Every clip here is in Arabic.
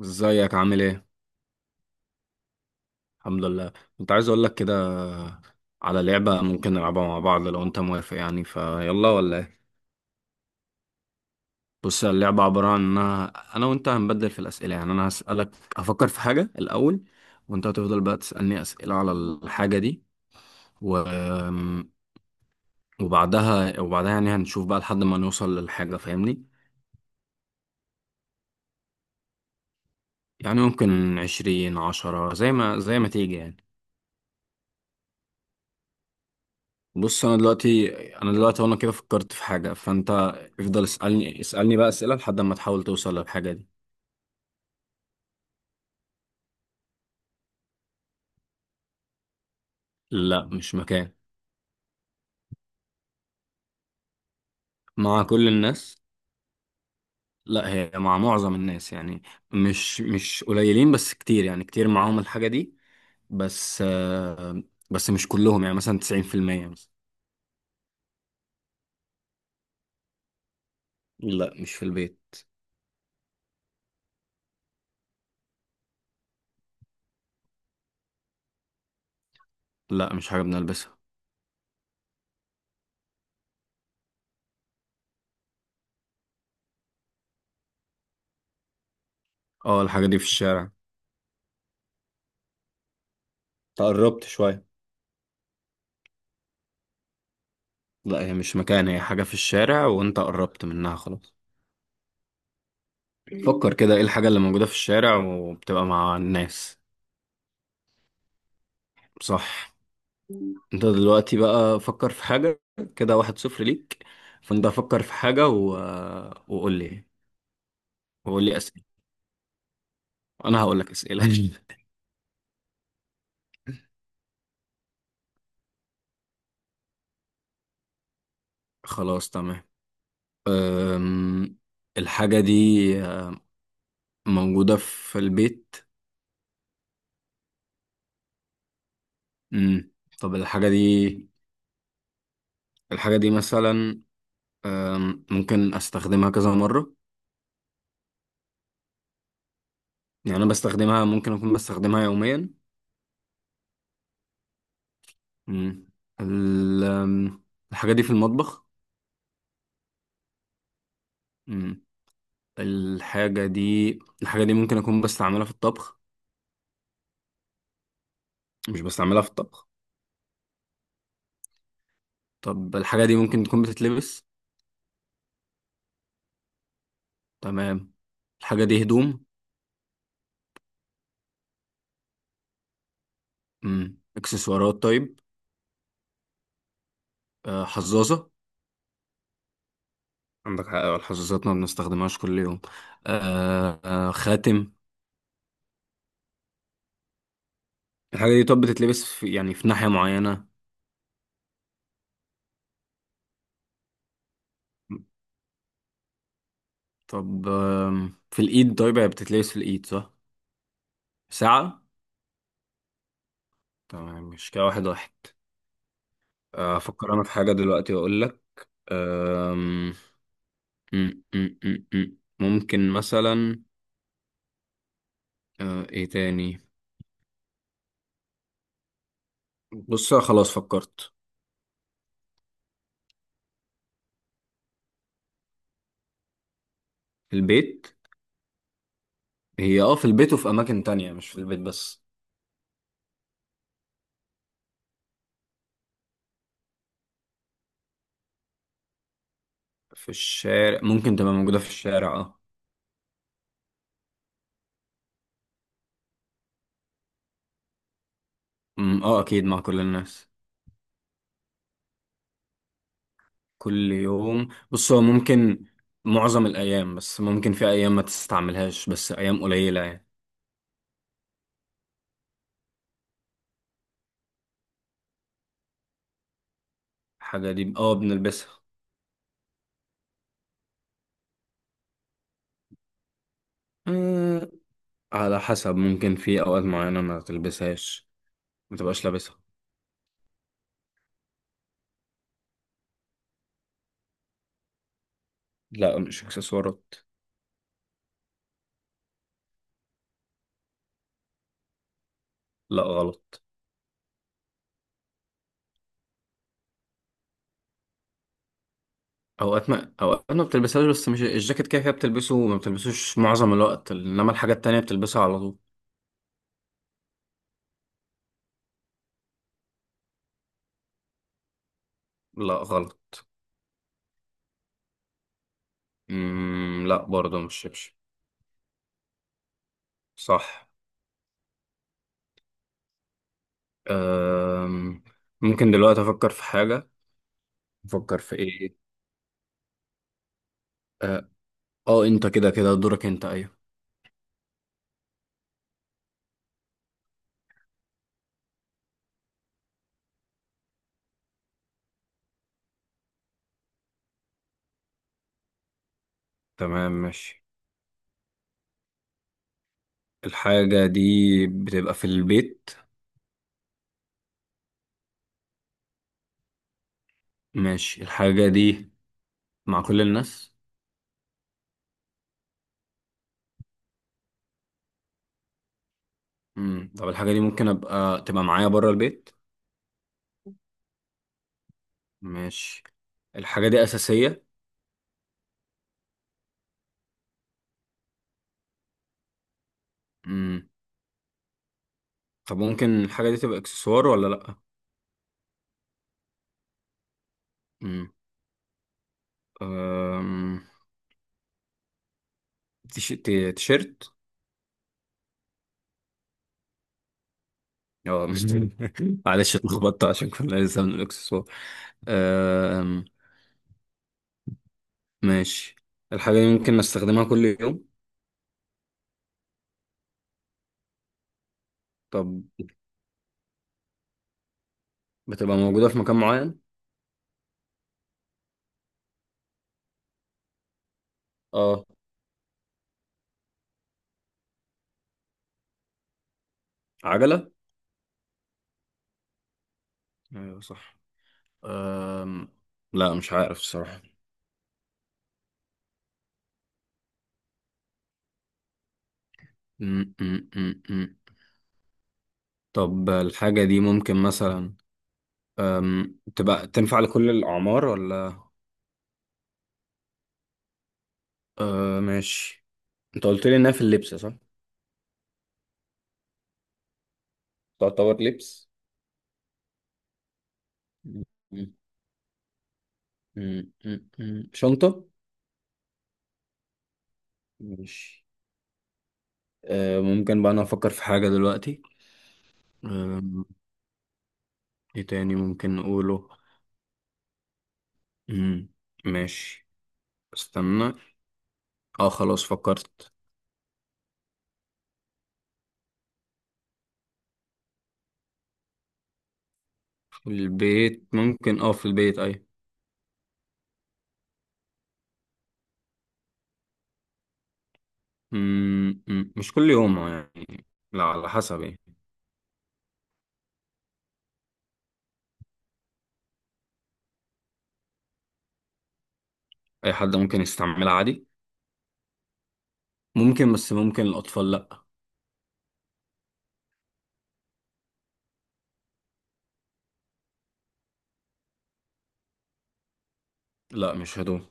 ازيك؟ عامل ايه؟ الحمد لله. كنت عايز اقول لك كده على لعبة ممكن نلعبها مع بعض لو انت موافق، يعني فيلا ولا ايه؟ بص، اللعبة عبارة عن انها انا وانت هنبدل في الاسئلة. يعني انا هسألك، هفكر في حاجة الاول وانت هتفضل بقى تسألني اسئلة على الحاجة دي و... وبعدها يعني هنشوف بقى لحد ما نوصل للحاجة، فاهمني؟ يعني ممكن عشرين، عشرة، زي ما تيجي يعني. بص انا دلوقتي وانا كده فكرت في حاجه، فانت افضل اسالني بقى اسئله لحد ما تحاول توصل للحاجه دي. لا، مش مكان. مع كل الناس. لا، هي مع معظم الناس يعني، مش قليلين بس كتير، يعني كتير معاهم الحاجه دي، بس آه، بس مش كلهم، يعني مثلا 90% مثلا. لا، مش في البيت. لا، مش حاجه بنلبسها. اه، الحاجه دي في الشارع. تقربت شويه. لا، هي مش مكان، هي حاجه في الشارع وانت قربت منها خلاص. فكر كده، ايه الحاجة اللي موجودة في الشارع وبتبقى مع الناس؟ صح. انت دلوقتي بقى فكر في حاجة، كده واحد صفر ليك. فانت فكر في حاجة وقول لي، اسئلة، انا هقول لك اسئلة. خلاص تمام. أم... الحاجة دي موجودة في البيت. أم... طب الحاجة دي، الحاجة دي مثلا ممكن استخدمها كذا مرة؟ يعني انا بستخدمها، ممكن اكون بستخدمها يوميا. مم. ال- أم، الحاجة دي في المطبخ؟ مم. الحاجة دي الحاجة دي ممكن أكون بستعملها في الطبخ؟ مش بستعملها في الطبخ. طب الحاجة دي ممكن تكون بتتلبس؟ تمام. الحاجة دي هدوم؟ إكسسوارات طيب. آه، حظاظة؟ عندك حق، الحظاظات ما بنستخدمهاش كل يوم. آه خاتم؟ الحاجة دي طب بتتلبس في، يعني في ناحية معينة؟ طب في الإيد طيب، هي بتتلبس في الإيد صح؟ ساعة. تمام، مش كده واحد واحد. افكر انا في حاجه دلوقتي واقول لك. أم، أم، أم، أم، أم. ممكن مثلا، ايه تاني؟ بص، خلاص فكرت. البيت. هي اه في البيت وفي اماكن تانية، مش في البيت بس. في الشارع، ممكن تبقى موجوده في الشارع اه. اه اكيد مع كل الناس. كل يوم؟ بص، هو ممكن معظم الايام، بس ممكن في ايام ما تستعملهاش، بس ايام قليله يعني. الحاجه دي اه بنلبسها. أه، على حسب، ممكن في اوقات معينه ما تلبسهاش، ما تبقاش لابسها. لا، مش اكسسوارات. لا، غلط. اوقات ما بتلبسهاش، بس مش الجاكيت، كده كده بتلبسه وما بتلبسوش معظم الوقت، انما الحاجات التانية بتلبسها على طول. لا، غلط. لا، برضه مش شبشب. صح. أم... ممكن دلوقتي افكر في حاجة، افكر في ايه؟ اه، انت كده كده دورك انت، ايوه. تمام، ماشي. الحاجة دي بتبقى في البيت. ماشي. الحاجة دي مع كل الناس. طب الحاجة دي ممكن ابقى تبقى معايا بره البيت؟ ماشي. الحاجة دي أساسية؟ مم. طب ممكن الحاجة دي تبقى إكسسوار ولا لأ؟ مم. أم... تيشيرت؟ اه مش. معلش اتلخبطت عشان كنا لسه من الإكسسوار. أم... ماشي. الحاجة دي ممكن نستخدمها كل يوم؟ طب بتبقى موجودة في مكان معين؟ اه. عجلة؟ ايوه صح. أم... لا، مش عارف الصراحة. مم، مم، مم، مم. طب الحاجة دي ممكن مثلا تبقى تنفع لكل الأعمار ولا؟ أه ماشي. أنت قلت لي إنها في اللبس صح؟ تعتبر لبس. م- شنطة؟ ماشي. أه، ممكن بقى أنا أفكر في حاجة دلوقتي. أم، إيه تاني ممكن نقوله؟ م- ماشي، استنى. اه خلاص فكرت. في البيت؟ ممكن اه في البيت، أي. م- مش كل يوم يعني، لا على حسب يعني. أي حد ممكن يستعملها عادي. ممكن، بس ممكن الأطفال لأ. لا، مش هدوم.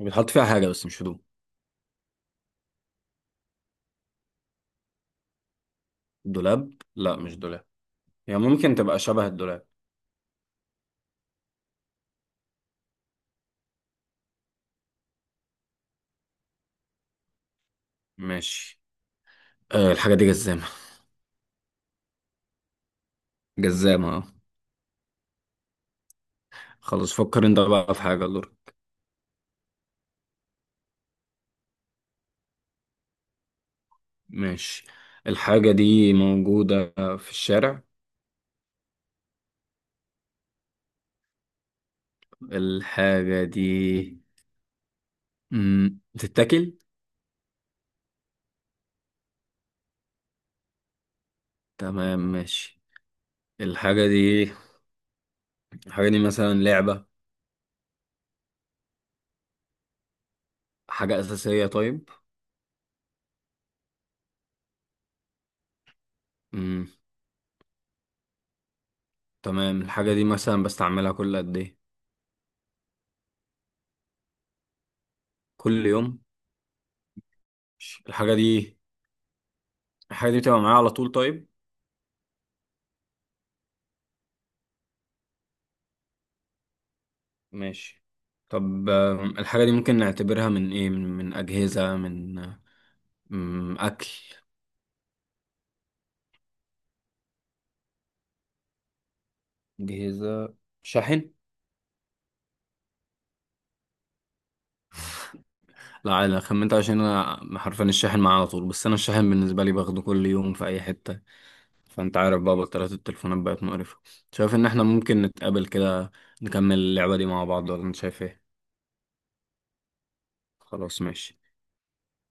بيتحط فيها حاجة بس مش هدوم. دولاب؟ لا، مش دولاب. هي يعني ممكن تبقى شبه الدولاب. ماشي. أه، الحاجة دي جزامة. جزامة اه. خلاص، فكر انت بقى في حاجة لور. ماشي. الحاجة دي موجودة في الشارع؟ الحاجة دي بتتاكل؟ تمام ماشي. الحاجة دي مثلا لعبة؟ حاجة أساسية طيب؟ مم. تمام، الحاجة دي مثلا بستعملها كل قد ايه؟ كل يوم. الحاجة دي، بتبقى معايا على طول طيب؟ ماشي. طب الحاجة دي ممكن نعتبرها من ايه، من أجهزة، من أكل؟ أجهزة، شاحن؟ لا لا، خمنت عشان أنا حرفيا الشاحن معايا على طول، بس أنا الشاحن بالنسبة لي باخده كل يوم في أي حتة. فأنت عارف بقى بطاريات التليفونات بقت مقرفة. شايف إن احنا ممكن نتقابل كده نكمل اللعبة دي مع بعض ولا أنت شايف ايه؟ خلاص ماشي.